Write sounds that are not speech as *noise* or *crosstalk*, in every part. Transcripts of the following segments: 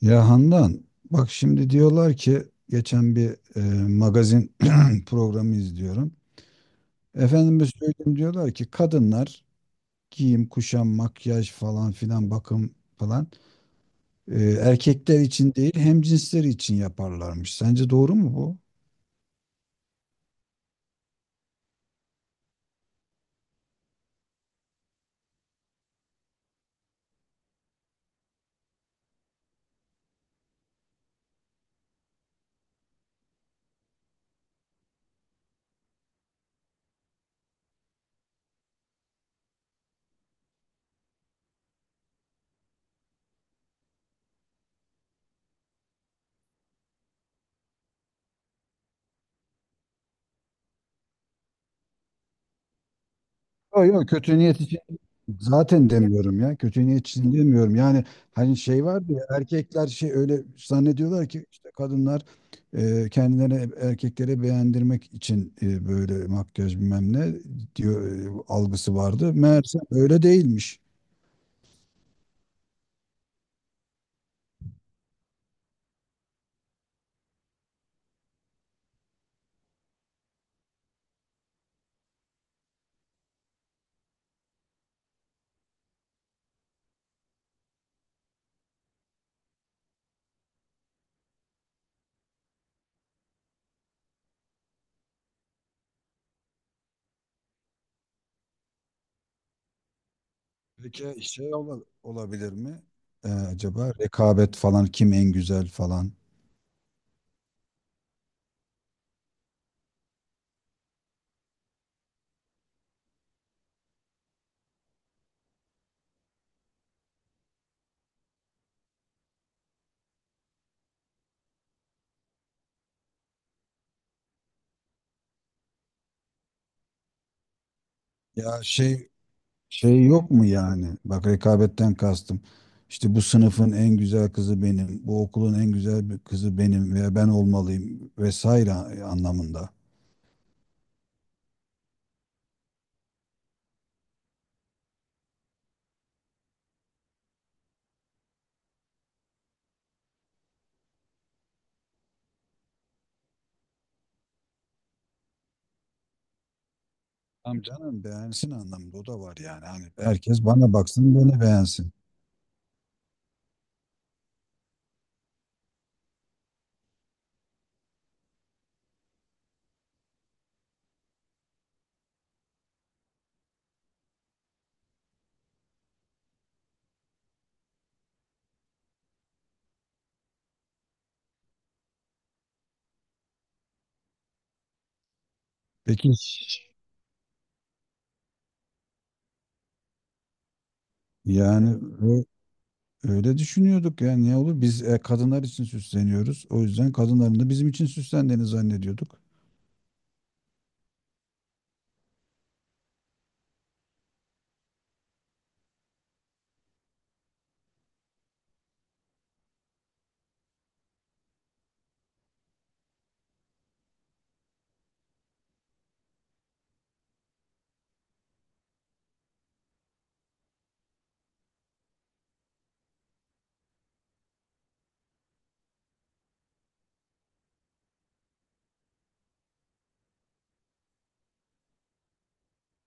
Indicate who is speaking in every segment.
Speaker 1: Ya Handan, bak şimdi diyorlar ki geçen bir e, magazin *clears throat* programı izliyorum. Efendime söyleyeyim diyorlar ki kadınlar giyim, kuşam, makyaj falan filan bakım falan, erkekler için değil, hem cinsleri için yaparlarmış. Sence doğru mu bu? Yok yok, kötü niyet için zaten demiyorum ya. Kötü niyet için demiyorum. Yani hani şey vardı ya, erkekler şey öyle zannediyorlar ki işte kadınlar kendilerine, erkeklere beğendirmek için böyle makyaj bilmem ne diyor algısı vardı. Meğerse öyle değilmiş. Peki şey olabilir mi? Acaba rekabet falan, kim en güzel falan? Ya şey yok mu yani? Bak, rekabetten kastım. İşte bu sınıfın en güzel kızı benim, bu okulun en güzel bir kızı benim, veya ben olmalıyım vesaire anlamında. Tamam canım, beğensin anlamında o da var yani. Hani herkes bana baksın, beni beğensin. Peki yani, ö- öyle düşünüyorduk yani, ne olur biz kadınlar için süsleniyoruz. O yüzden kadınların da bizim için süslendiğini zannediyorduk.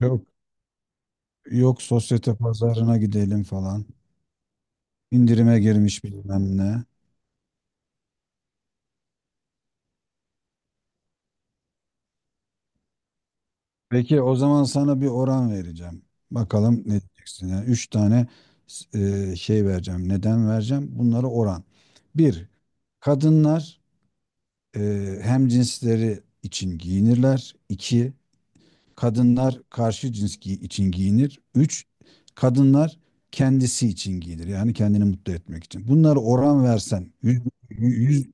Speaker 1: Yok. Yok, sosyete pazarına gidelim falan. İndirime girmiş bilmem ne. Peki o zaman sana bir oran vereceğim. Bakalım ne diyeceksin. Yani üç tane şey vereceğim. Neden vereceğim? Bunları oran. Bir, kadınlar hem cinsleri için giyinirler. İki, kadınlar karşı cins için giyinir. Üç, kadınlar kendisi için giyinir. Yani kendini mutlu etmek için. Bunları oran versen yüz,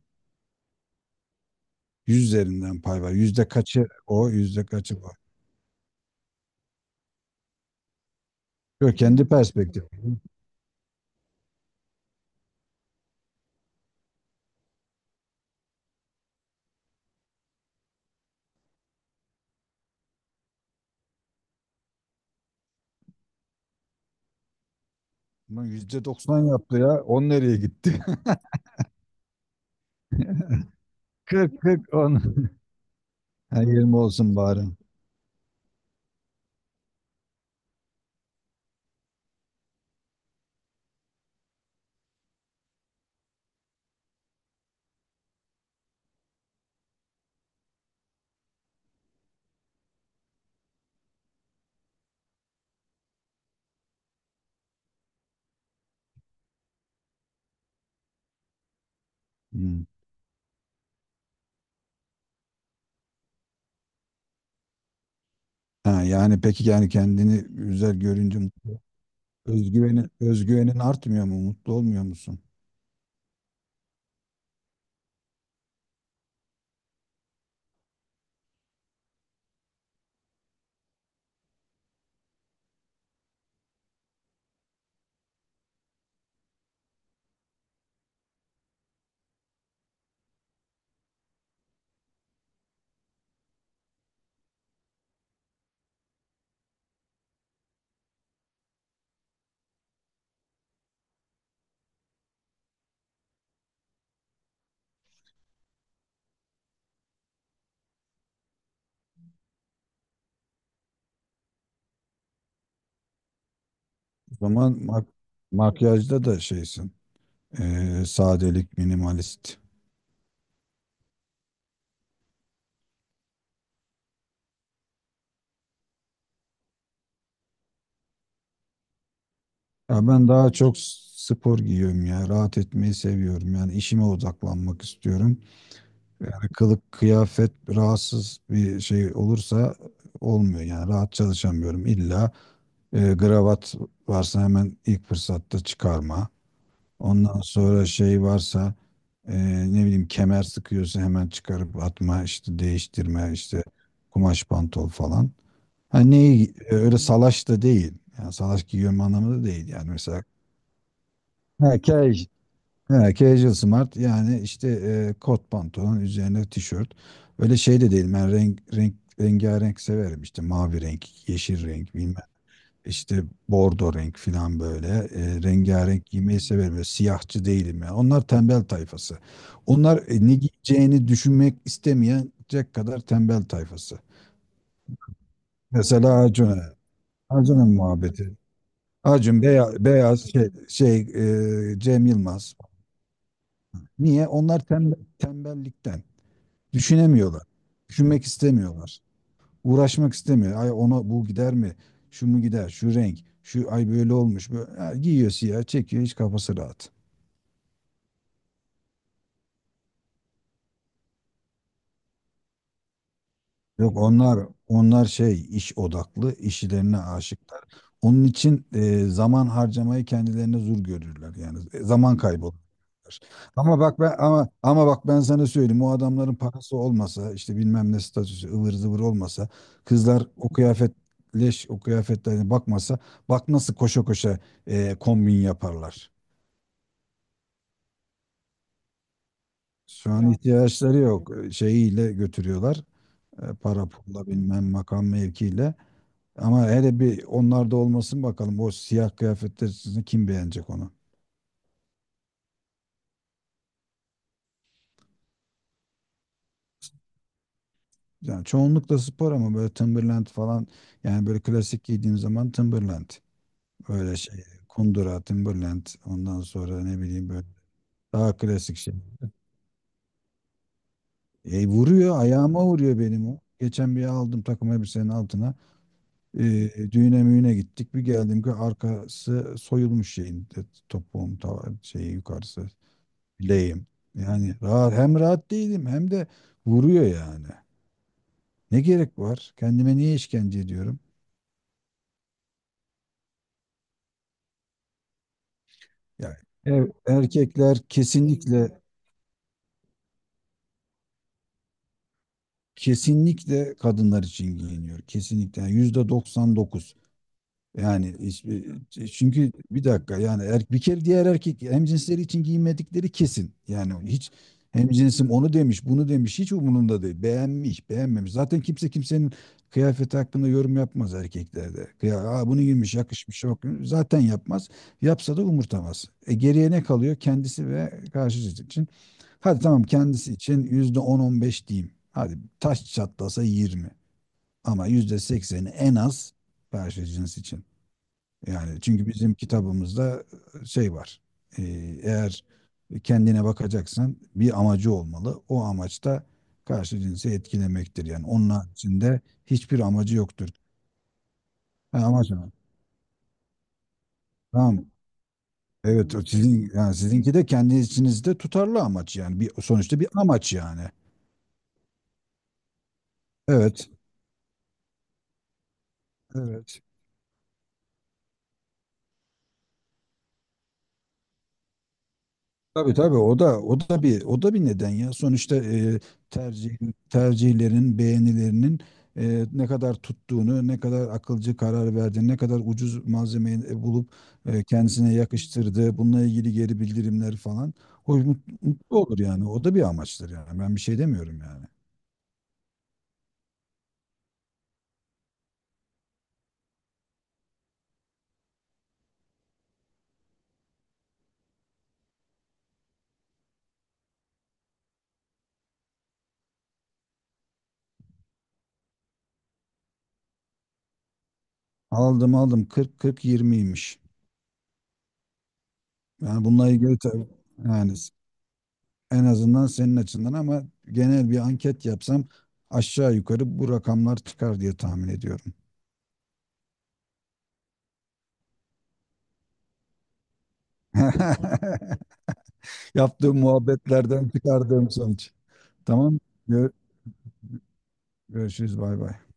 Speaker 1: 100 üzerinden pay var. Yüzde kaçı o, yüzde kaçı var. Yok, kendi perspektif. Bunun %90 yaptı ya. 10 nereye gitti? *laughs* 40 40 10. *laughs* Ha, 20 olsun bari. Hmm. Ha, yani peki yani kendini güzel görünce özgüvenin artmıyor mu? Mutlu olmuyor musun? O zaman makyajda da şeysin. Sadelik, minimalist. Ya ben daha çok spor giyiyorum ya. Rahat etmeyi seviyorum. Yani işime odaklanmak istiyorum. Yani kılık kıyafet rahatsız bir şey olursa olmuyor yani, rahat çalışamıyorum. İlla gravat varsa hemen ilk fırsatta çıkarma. Ondan sonra şey varsa, e, ne bileyim, kemer sıkıyorsa hemen çıkarıp atma işte, değiştirme işte, kumaş pantol falan. Hani neyi öyle salaş da değil. Yani salaş giyiyorum anlamında değil yani, mesela. Ha, kej. He, casual smart yani işte kot pantolon üzerine tişört. Öyle şey de değil. Ben rengarenk severim. İşte mavi renk, yeşil renk bilmem. İşte bordo renk falan böyle. Rengarenk giymeyi severim. Böyle siyahçı değilim ya. Onlar tembel tayfası. Onlar ne giyeceğini düşünmek istemeyecek kadar tembel tayfası. Mesela Acun'a. Acun'un muhabbeti. Acun beyaz, beyaz şey, Cem Yılmaz. Niye? Onlar tembel, tembellikten. Düşünemiyorlar. Düşünmek istemiyorlar. Uğraşmak istemiyor. Ay, ona bu gider mi? Şu mu gider? Şu renk. Şu, ay böyle olmuş. Böyle. Ha, giyiyor siyah, çekiyor. Hiç kafası rahat. Yok, onlar şey iş odaklı, işlerine aşıklar. Onun için zaman harcamayı kendilerine zor görürler yani, zaman kaybı olur. Ama bak ben sana söyleyeyim, o adamların parası olmasa, işte bilmem ne statüsü, ıvır zıvır olmasa, kızlar o kıyafet leş o kıyafetlerine bakmasa, bak nasıl koşa koşa kombin yaparlar. Şu an ihtiyaçları yok. Şeyiyle götürüyorlar. Para pulla bilmem, makam mevkiyle. Ama hele bir onlarda olmasın bakalım. O siyah kıyafetler sizi kim beğenecek onu? Yani çoğunlukla spor, ama böyle Timberland falan, yani böyle klasik giydiğim zaman Timberland. Öyle şey, kundura Timberland, ondan sonra ne bileyim böyle, daha klasik şey. Vuruyor ayağıma, vuruyor benim o. Geçen bir aldım takım elbisenin altına. E, Düğüne müğüne gittik. Bir geldim ki arkası soyulmuş şeyin, topuğum ta, şeyi yukarısı. Bileyim. Yani rahat, hem rahat değilim hem de vuruyor yani. Ne gerek var? Kendime niye işkence ediyorum? Yani erkekler kesinlikle kesinlikle kadınlar için giyiniyor. Kesinlikle. Yani %99. Yani çünkü bir dakika yani, bir kere, diğer erkek hemcinsleri için giyinmedikleri kesin. Yani hiç hemcinsim onu demiş, bunu demiş, hiç umurunda değil. Beğenmiş, beğenmemiş. Zaten kimse kimsenin kıyafeti hakkında yorum yapmaz erkeklerde. Ya, aa, bunu giymiş, yakışmış, yok. Zaten yapmaz. Yapsa da umurtamaz. Geriye ne kalıyor? Kendisi ve karşı cins için. Hadi tamam, kendisi için yüzde on on beş diyeyim. Hadi taş çatlasa 20. Ama %80'i en az karşı cins için. Yani çünkü bizim kitabımızda şey var. Ee, Eğer kendine bakacaksan bir amacı olmalı. O amaç da karşı cinsi etkilemektir. Yani onun haricinde hiçbir amacı yoktur. Ha, amaç ama. Tamam. Evet, o sizin yani, sizinki de kendi içinizde tutarlı amaç yani, bir sonuçta bir amaç yani. Evet. Evet. Tabii tabii, o da bir neden ya. Sonuçta, tercih tercihlerin, beğenilerinin, ne kadar tuttuğunu, ne kadar akılcı karar verdiğini, ne kadar ucuz malzemeyi bulup kendisine yakıştırdığı, bununla ilgili geri bildirimler falan. O mutlu olur yani. O da bir amaçtır yani. Ben bir şey demiyorum yani. Aldım, 40 40 yirmiymiş. Yani bununla ilgili tabii yani, en azından senin açından ama, genel bir anket yapsam aşağı yukarı bu rakamlar çıkar diye tahmin ediyorum. *laughs* Yaptığım muhabbetlerden çıkardığım sonuç. Tamam. Gör- Görüşürüz. Bay bay.